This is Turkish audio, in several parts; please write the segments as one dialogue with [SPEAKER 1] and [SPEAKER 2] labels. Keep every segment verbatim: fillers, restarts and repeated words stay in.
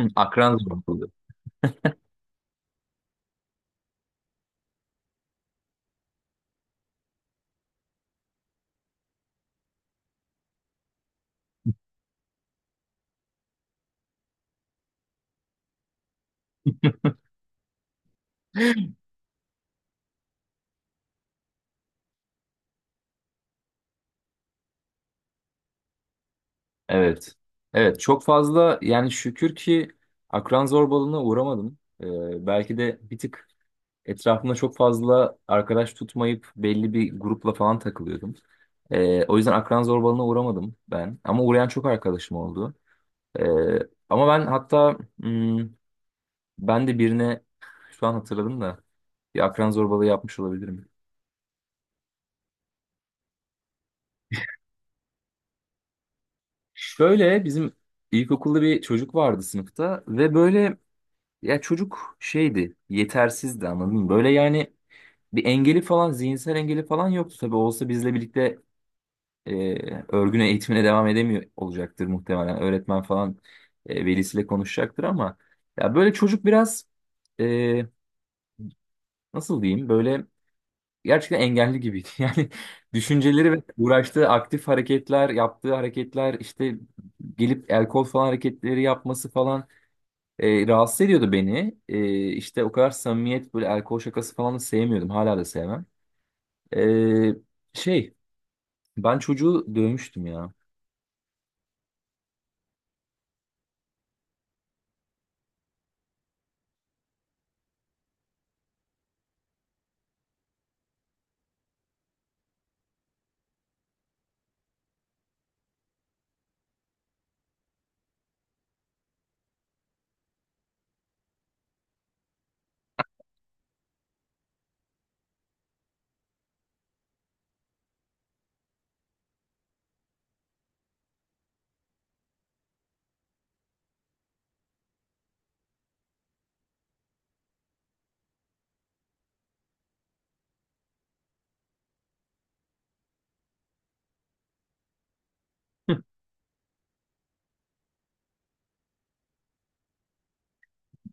[SPEAKER 1] Hı, akran zorbalığı. Evet. Evet çok fazla yani şükür ki akran zorbalığına uğramadım. Ee, belki de bir tık etrafımda çok fazla arkadaş tutmayıp belli bir grupla falan takılıyordum. Ee, o yüzden akran zorbalığına uğramadım ben. Ama uğrayan çok arkadaşım oldu. Ee, Ama ben hatta hmm, ben de birine şu an hatırladım da bir akran zorbalığı yapmış olabilirim. Şöyle bizim ilkokulda bir çocuk vardı sınıfta ve böyle ya, çocuk şeydi, yetersizdi, anladın mı? Böyle yani bir engeli falan, zihinsel engeli falan yoktu. Tabii olsa bizle birlikte e, örgüne, eğitimine devam edemiyor olacaktır muhtemelen. Öğretmen falan e, velisiyle konuşacaktır ama ya böyle çocuk biraz e, nasıl diyeyim böyle gerçekten engelli gibiydi. Yani düşünceleri ve uğraştığı aktif hareketler, yaptığı hareketler işte gelip el kol falan hareketleri yapması falan. E, rahatsız ediyordu beni. E, işte o kadar samimiyet böyle alkol şakası falan da sevmiyordum. Hala da sevmem. E, şey Ben çocuğu dövmüştüm ya.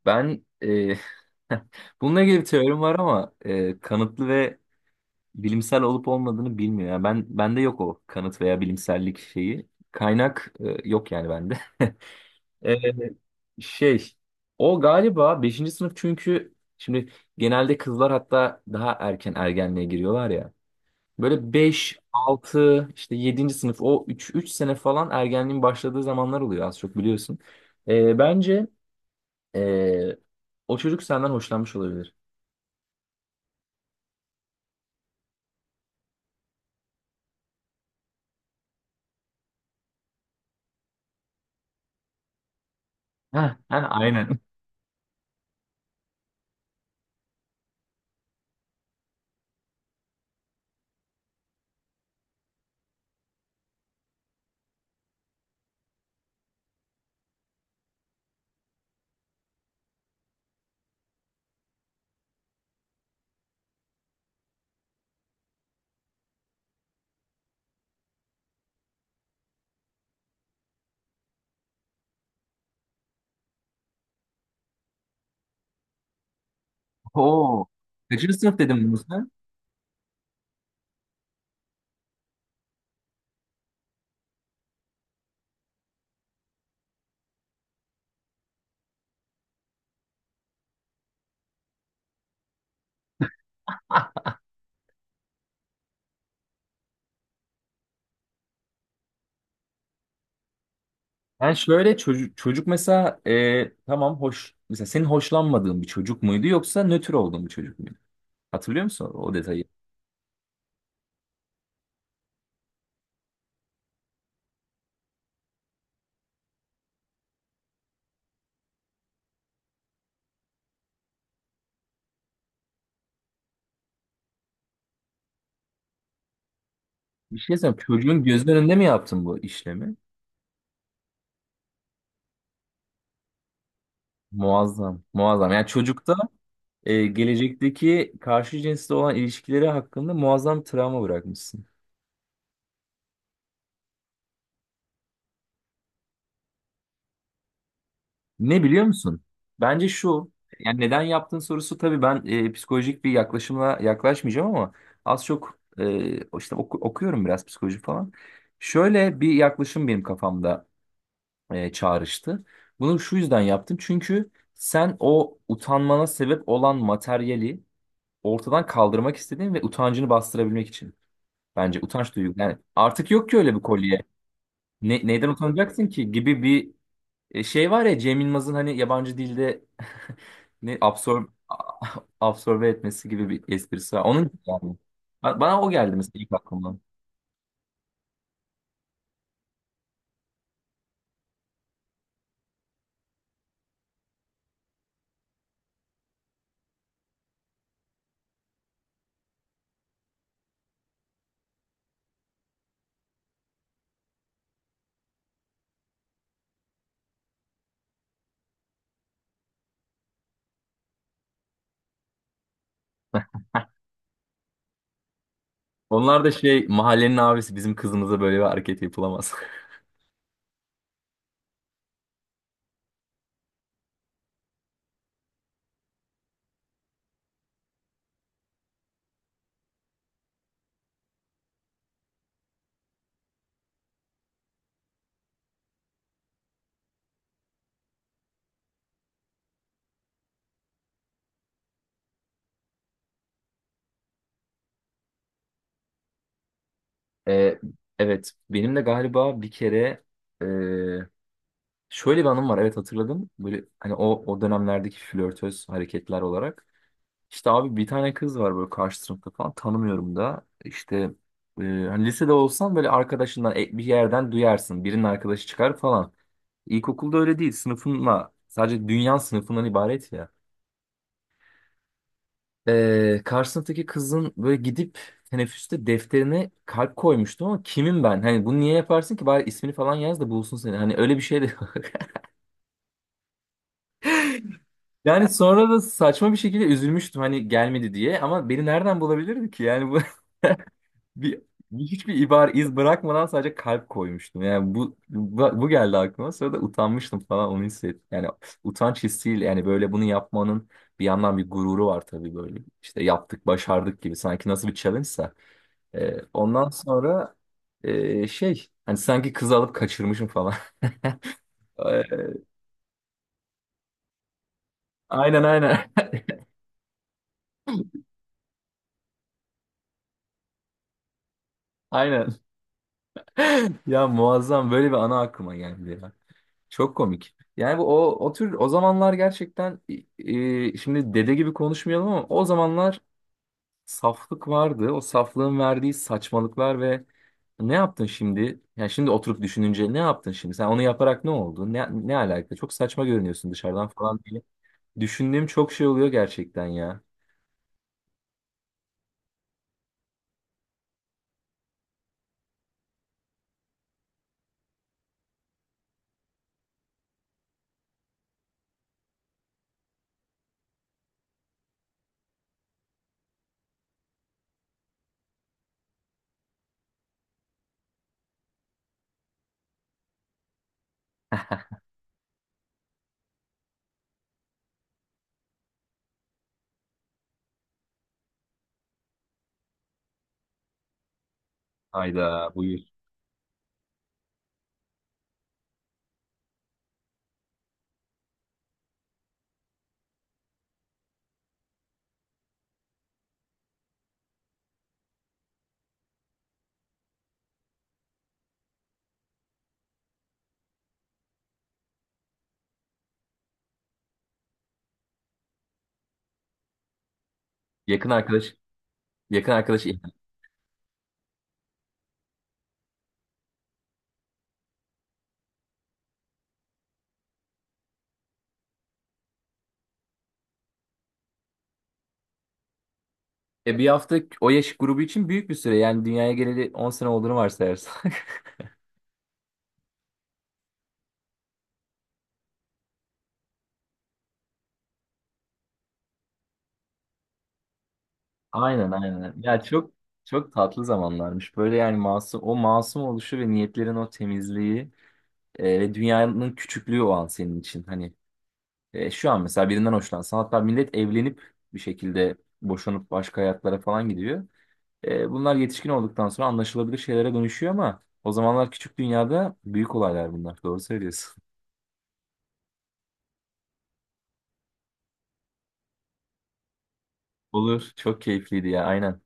[SPEAKER 1] Ben e, bununla ilgili bir teorim var ama e, kanıtlı ve bilimsel olup olmadığını bilmiyor. Yani ben bende yok o kanıt veya bilimsellik şeyi. Kaynak e, yok yani bende. E, şey O galiba beşinci sınıf çünkü şimdi genelde kızlar hatta daha erken ergenliğe giriyorlar ya. Böyle beş altı işte yedinci sınıf o üç üç sene falan ergenliğin başladığı zamanlar oluyor az çok biliyorsun. Ee, bence ee, o çocuk senden hoşlanmış olabilir. Heh, yani aynen. Oo. Kaçıncı sınıf dedim bunu sen? Yani şöyle çocuk, çocuk mesela ee, tamam hoş mesela senin hoşlanmadığın bir çocuk muydu yoksa nötr olduğun bir çocuk muydu? Hatırlıyor musun o detayı? Bir şey söyleyeyim. Çocuğun gözünün önünde mi yaptın bu işlemi? Muazzam. Muazzam. Yani çocukta Ee, gelecekteki karşı cinsle olan ilişkileri hakkında muazzam travma bırakmışsın. Ne biliyor musun? Bence şu, yani neden yaptığın sorusu tabii ben e, psikolojik bir yaklaşımla yaklaşmayacağım ama az çok e, işte oku- okuyorum biraz psikoloji falan. Şöyle bir yaklaşım benim kafamda e, çağrıştı. Bunu şu yüzden yaptım çünkü sen o utanmana sebep olan materyali ortadan kaldırmak istedin ve utancını bastırabilmek için. Bence utanç duygu. Yani artık yok ki öyle bir kolye. Ne, neyden utanacaksın ki gibi bir e, şey var ya Cem Yılmaz'ın hani yabancı dilde ne absorb absorbe etmesi gibi bir esprisi var. Onun gibi yani. Ba- Bana o geldi mesela ilk aklımdan. Onlar da şey mahallenin abisi bizim kızımıza böyle bir hareket yapılamaz. E, evet benim de galiba bir kere e, şöyle bir anım var, evet, hatırladım. Böyle hani o, o dönemlerdeki flörtöz hareketler olarak. İşte abi bir tane kız var böyle karşı sınıfta falan tanımıyorum da işte e, hani lisede olsan böyle arkadaşından e, bir yerden duyarsın birinin arkadaşı çıkar falan. İlkokulda öyle değil, sınıfınla sadece dünya sınıfından ibaret ya. E, karşı sınıftaki kızın böyle gidip teneffüste defterine kalp koymuştum ama kimim ben? Hani bunu niye yaparsın ki, bari ismini falan yaz da bulsun seni. Hani öyle bir şey de yok. Yani sonra da saçma bir şekilde üzülmüştüm hani gelmedi diye, ama beni nereden bulabilirdi ki yani bu. Bir, hiçbir ibare iz bırakmadan sadece kalp koymuştum. Yani bu, bu bu geldi aklıma. Sonra da utanmıştım falan, onu hissettim. Yani utanç hissiyle yani böyle bunu yapmanın bir yandan bir gururu var tabii böyle. İşte yaptık, başardık gibi, sanki nasıl bir challenge'sa. Ee, ondan sonra e, şey hani sanki kızı alıp kaçırmışım falan. Ee, aynen, aynen. Aynen. Ya muazzam böyle bir ana aklıma geldi ya. Çok komik. Yani bu o, o tür, o zamanlar gerçekten e, şimdi dede gibi konuşmayalım ama o zamanlar saflık vardı. O saflığın verdiği saçmalıklar ve ne yaptın şimdi? Yani şimdi oturup düşününce ne yaptın şimdi? Sen onu yaparak ne oldu? Ne, ne alaka? Çok saçma görünüyorsun dışarıdan falan diye. Düşündüğüm çok şey oluyor gerçekten ya. Hayda buyur. Yakın arkadaş. Yakın arkadaş. E bir hafta o yaş grubu için büyük bir süre. Yani dünyaya geleli on sene olduğunu varsayarsak. Aynen, aynen. Ya çok çok tatlı zamanlarmış. Böyle yani masum, o masum oluşu ve niyetlerin o temizliği e, ve dünyanın küçüklüğü o an senin için. Hani e, şu an mesela birinden hoşlansan hatta millet evlenip bir şekilde boşanıp başka hayatlara falan gidiyor. E, bunlar yetişkin olduktan sonra anlaşılabilir şeylere dönüşüyor ama o zamanlar küçük dünyada büyük olaylar bunlar. Doğru söylüyorsun. Olur. Çok keyifliydi ya. Aynen.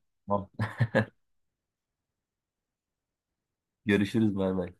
[SPEAKER 1] Görüşürüz, bay bay.